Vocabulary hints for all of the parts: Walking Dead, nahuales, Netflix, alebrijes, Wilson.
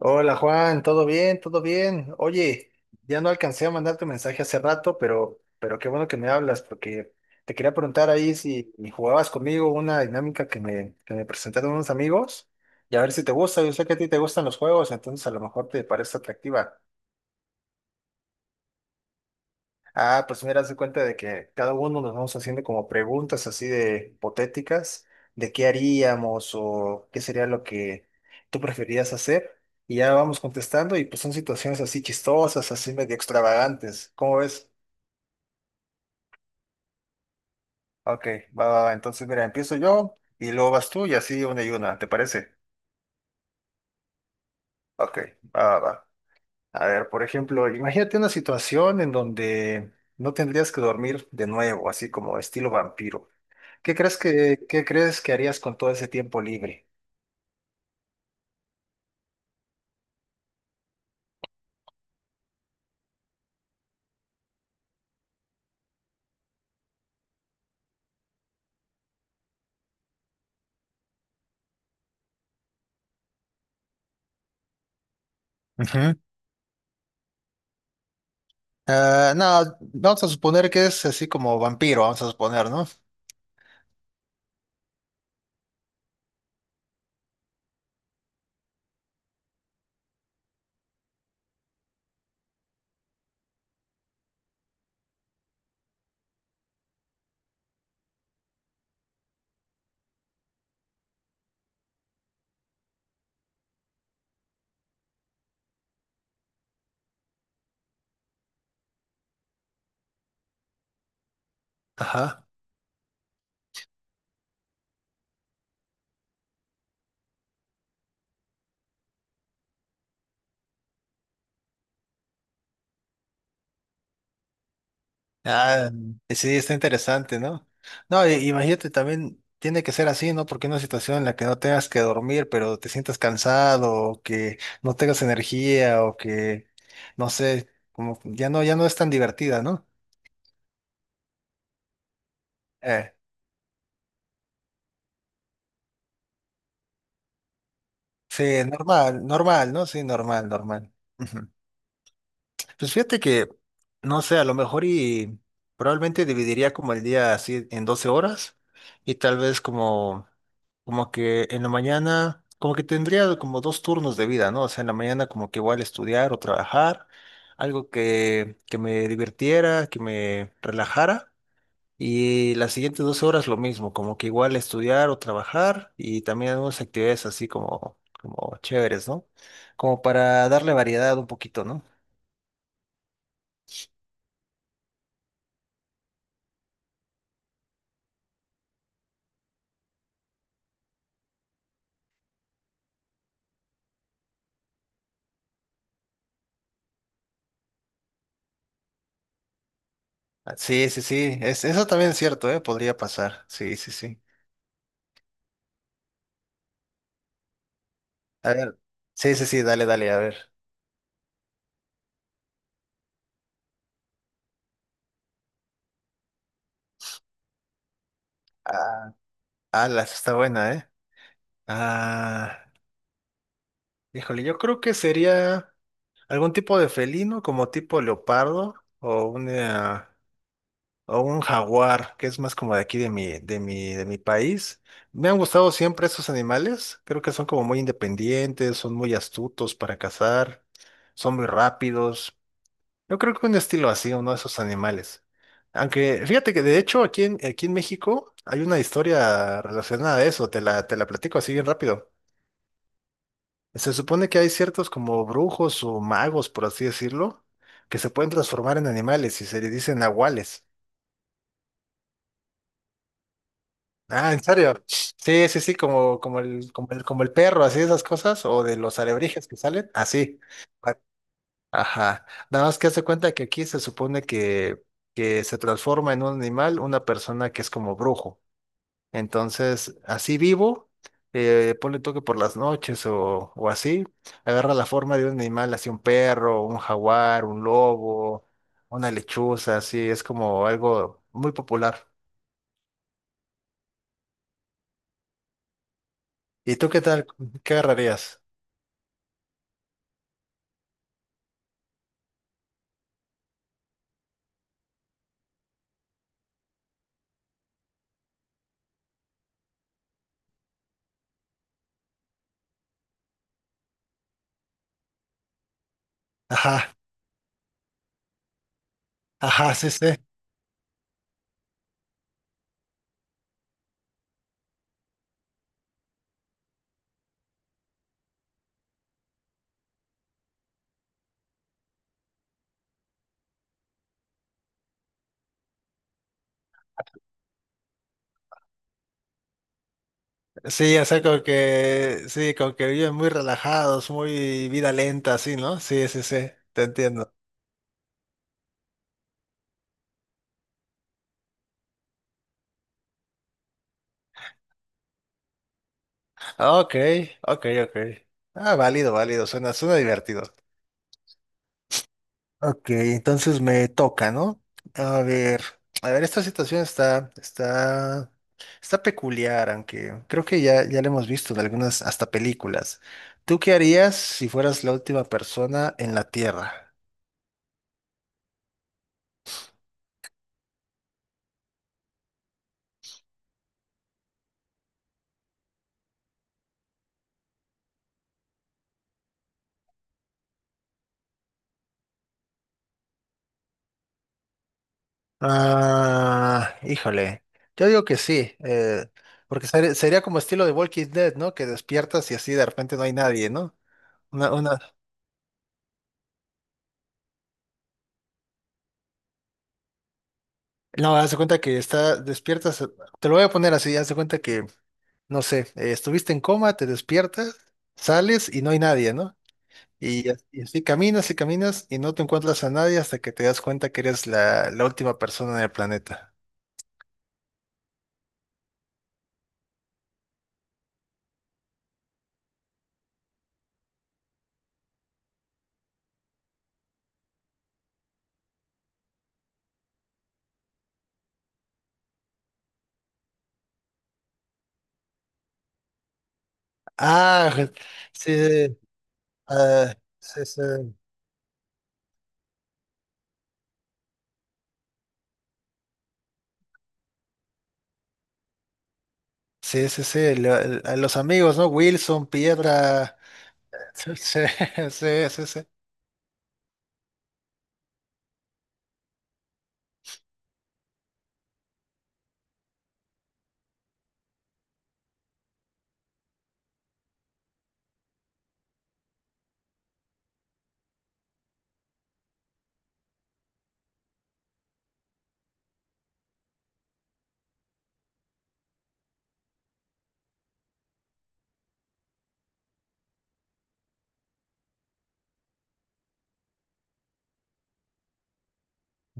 Hola Juan, ¿todo bien? ¿Todo bien? Oye, ya no alcancé a mandarte un mensaje hace rato, pero qué bueno que me hablas, porque te quería preguntar ahí si jugabas conmigo una dinámica que me presentaron unos amigos y a ver si te gusta. Yo sé que a ti te gustan los juegos, entonces a lo mejor te parece atractiva. Ah, pues mira, se cuenta de que cada uno nos vamos haciendo como preguntas así de hipotéticas, de qué haríamos o qué sería lo que tú preferirías hacer. Y ya vamos contestando y pues son situaciones así chistosas, así medio extravagantes. ¿Cómo ves? Ok, va, va, va. Entonces mira, empiezo yo y luego vas tú y así una y una, ¿te parece? Ok, va, va, va. A ver, por ejemplo, imagínate una situación en donde no tendrías que dormir de nuevo, así como estilo vampiro. ¿Qué crees qué crees que harías con todo ese tiempo libre? Ujú. Ah, no, vamos a suponer que es así como vampiro, vamos a suponer, ¿no? Ajá. Ah, sí, está interesante, ¿no? No, imagínate también, tiene que ser así, ¿no? Porque una situación en la que no tengas que dormir, pero te sientas cansado, o que no tengas energía, o que, no sé, como ya no es tan divertida, ¿no? Eh, sí, normal, normal, ¿no? Sí, normal, normal. Pues fíjate que, no sé, a lo mejor y probablemente dividiría como el día así en 12 horas y tal vez como, como que en la mañana, como que tendría como dos turnos de vida, ¿no? O sea, en la mañana como que igual estudiar o trabajar, algo que me divirtiera, que me relajara y las siguientes 12 horas lo mismo, como que igual estudiar o trabajar y también algunas actividades así como, como chéveres, ¿no? Como para darle variedad un poquito, ¿no? Ah, sí, sí, sí. Es, eso también es cierto, ¿eh? Podría pasar. Sí, sí, sí. A ver. Sí, sí, sí, dale, dale, a ver. Ah, alas, está buena, ¿eh? Ah, híjole, yo creo que sería algún tipo de felino, como tipo leopardo, o una, o un jaguar, que es más como de aquí de mi país. Me han gustado siempre esos animales. Creo que son como muy independientes, son muy astutos para cazar, son muy rápidos. Yo creo que un estilo así, uno de esos animales. Aunque fíjate que de hecho aquí en México hay una historia relacionada a eso, te la platico así bien rápido. Se supone que hay ciertos como brujos o magos, por así decirlo, que se pueden transformar en animales y se le dicen nahuales. Ah, ¿en serio? Sí, sí, sí, como, como el perro, así esas cosas, o de los alebrijes que salen, así. Ajá. Nada más que hace cuenta que aquí se supone que se transforma en un animal una persona que es como brujo. Entonces, así vivo, ponle toque por las noches o así, agarra la forma de un animal, así un perro, un jaguar, un lobo, una lechuza, así, es como algo muy popular. ¿Y tú qué tal? ¿Qué agarrarías? Ajá, ajá, sí, sí. Sí, o sea, como que, sí, como que viven muy relajados, muy vida lenta, así, ¿no? Sí, sí, sí, te entiendo. Ok, ok, ok. Ah, válido, válido, suena, suena divertido. Ok, entonces me toca, ¿no? A ver, a ver, esta está peculiar, aunque creo que ya la hemos visto en algunas hasta películas. ¿Tú qué harías si fueras la última persona en la Tierra? Ah, híjole. Yo digo que sí, porque sería como estilo de Walking Dead, ¿no? Que despiertas y así de repente no hay nadie, ¿no? Una... No, haz de cuenta que está, despiertas, te lo voy a poner así, haz de cuenta que, no sé, estuviste en coma, te despiertas, sales y no hay nadie, ¿no? Y, y así caminas y caminas y no te encuentras a nadie hasta que te das cuenta que eres la última persona en el planeta. Ah, sí, ah, sí, sí. Sí, sí, sí, a los amigos, ¿no? Wilson, Piedra. Sí, sí, sí, sí. sí.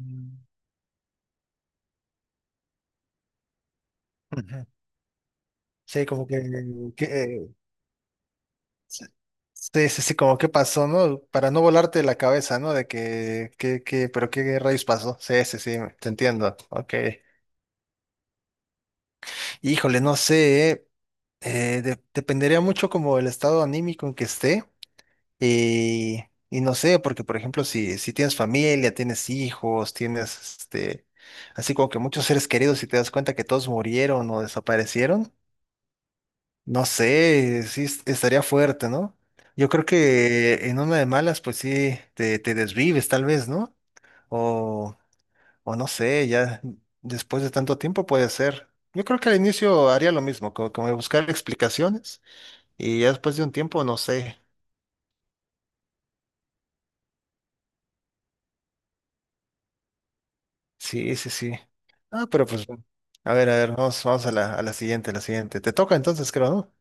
Mm. Ujú. Sí, como que, que- sí, sí, sí, sí, como que pasó, ¿no? Para no volarte la cabeza, ¿no? De que, pero qué rayos pasó. Sí, sí, sí, te entiendo. Ok. Híjole, no sé, ¿eh? Dependería mucho como el estado anímico en que esté. Y, y no sé, porque por ejemplo, si tienes familia, tienes hijos, tienes este, así como que muchos seres queridos y te das cuenta que todos murieron o desaparecieron, no sé, sí estaría fuerte, ¿no? Yo creo que en una de malas, pues sí, te desvives tal vez, ¿no? O, o no sé, ya después de tanto tiempo puede ser. Yo creo que al inicio haría lo mismo, como, como buscar explicaciones y ya después de un tiempo, no sé. Sí, sí, sí. Ah, pero pues, a ver, vamos, vamos a la siguiente, a la siguiente. Te toca entonces, creo, ¿no?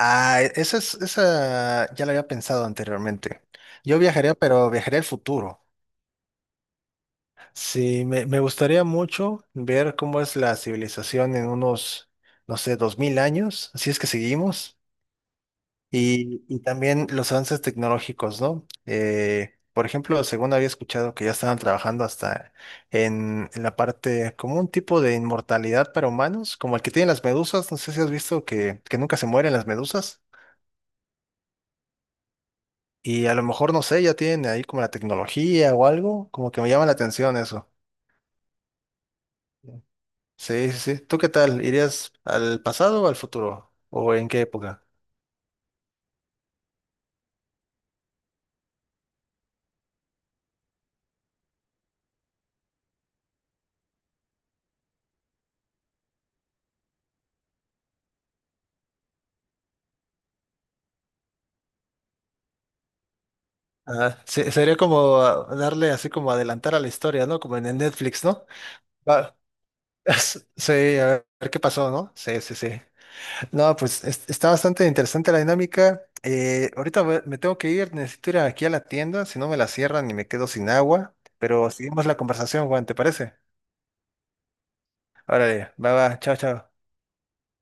Ah, esa es, esa ya la había pensado anteriormente. Yo viajaría, pero viajaría al futuro. Sí, me gustaría mucho ver cómo es la civilización en unos, no sé, 2000 años, si es que seguimos. Y también los avances tecnológicos, ¿no? Por ejemplo, según había escuchado que ya estaban trabajando hasta en la parte, como un tipo de inmortalidad para humanos, como el que tienen las medusas, no sé si has visto que nunca se mueren las medusas, y a lo mejor, no sé, ya tienen ahí como la tecnología o algo, como que me llama la atención eso. Sí, sí, sí. ¿Tú qué tal? ¿Irías al pasado o al futuro? ¿O en qué época? Ah, sería como ah, darle así como adelantar a la historia, ¿no? Como en el Netflix, ¿no? Va- Sí, a ver qué pasó, ¿no? Sí, sí, sí. No, pues está bastante interesante la dinámica. Me tengo que ir, necesito ir aquí a la tienda, si no me la cierran y me quedo sin agua. Pero seguimos la conversación, Juan, ¿te parece? Órale, va, va, chao, chao.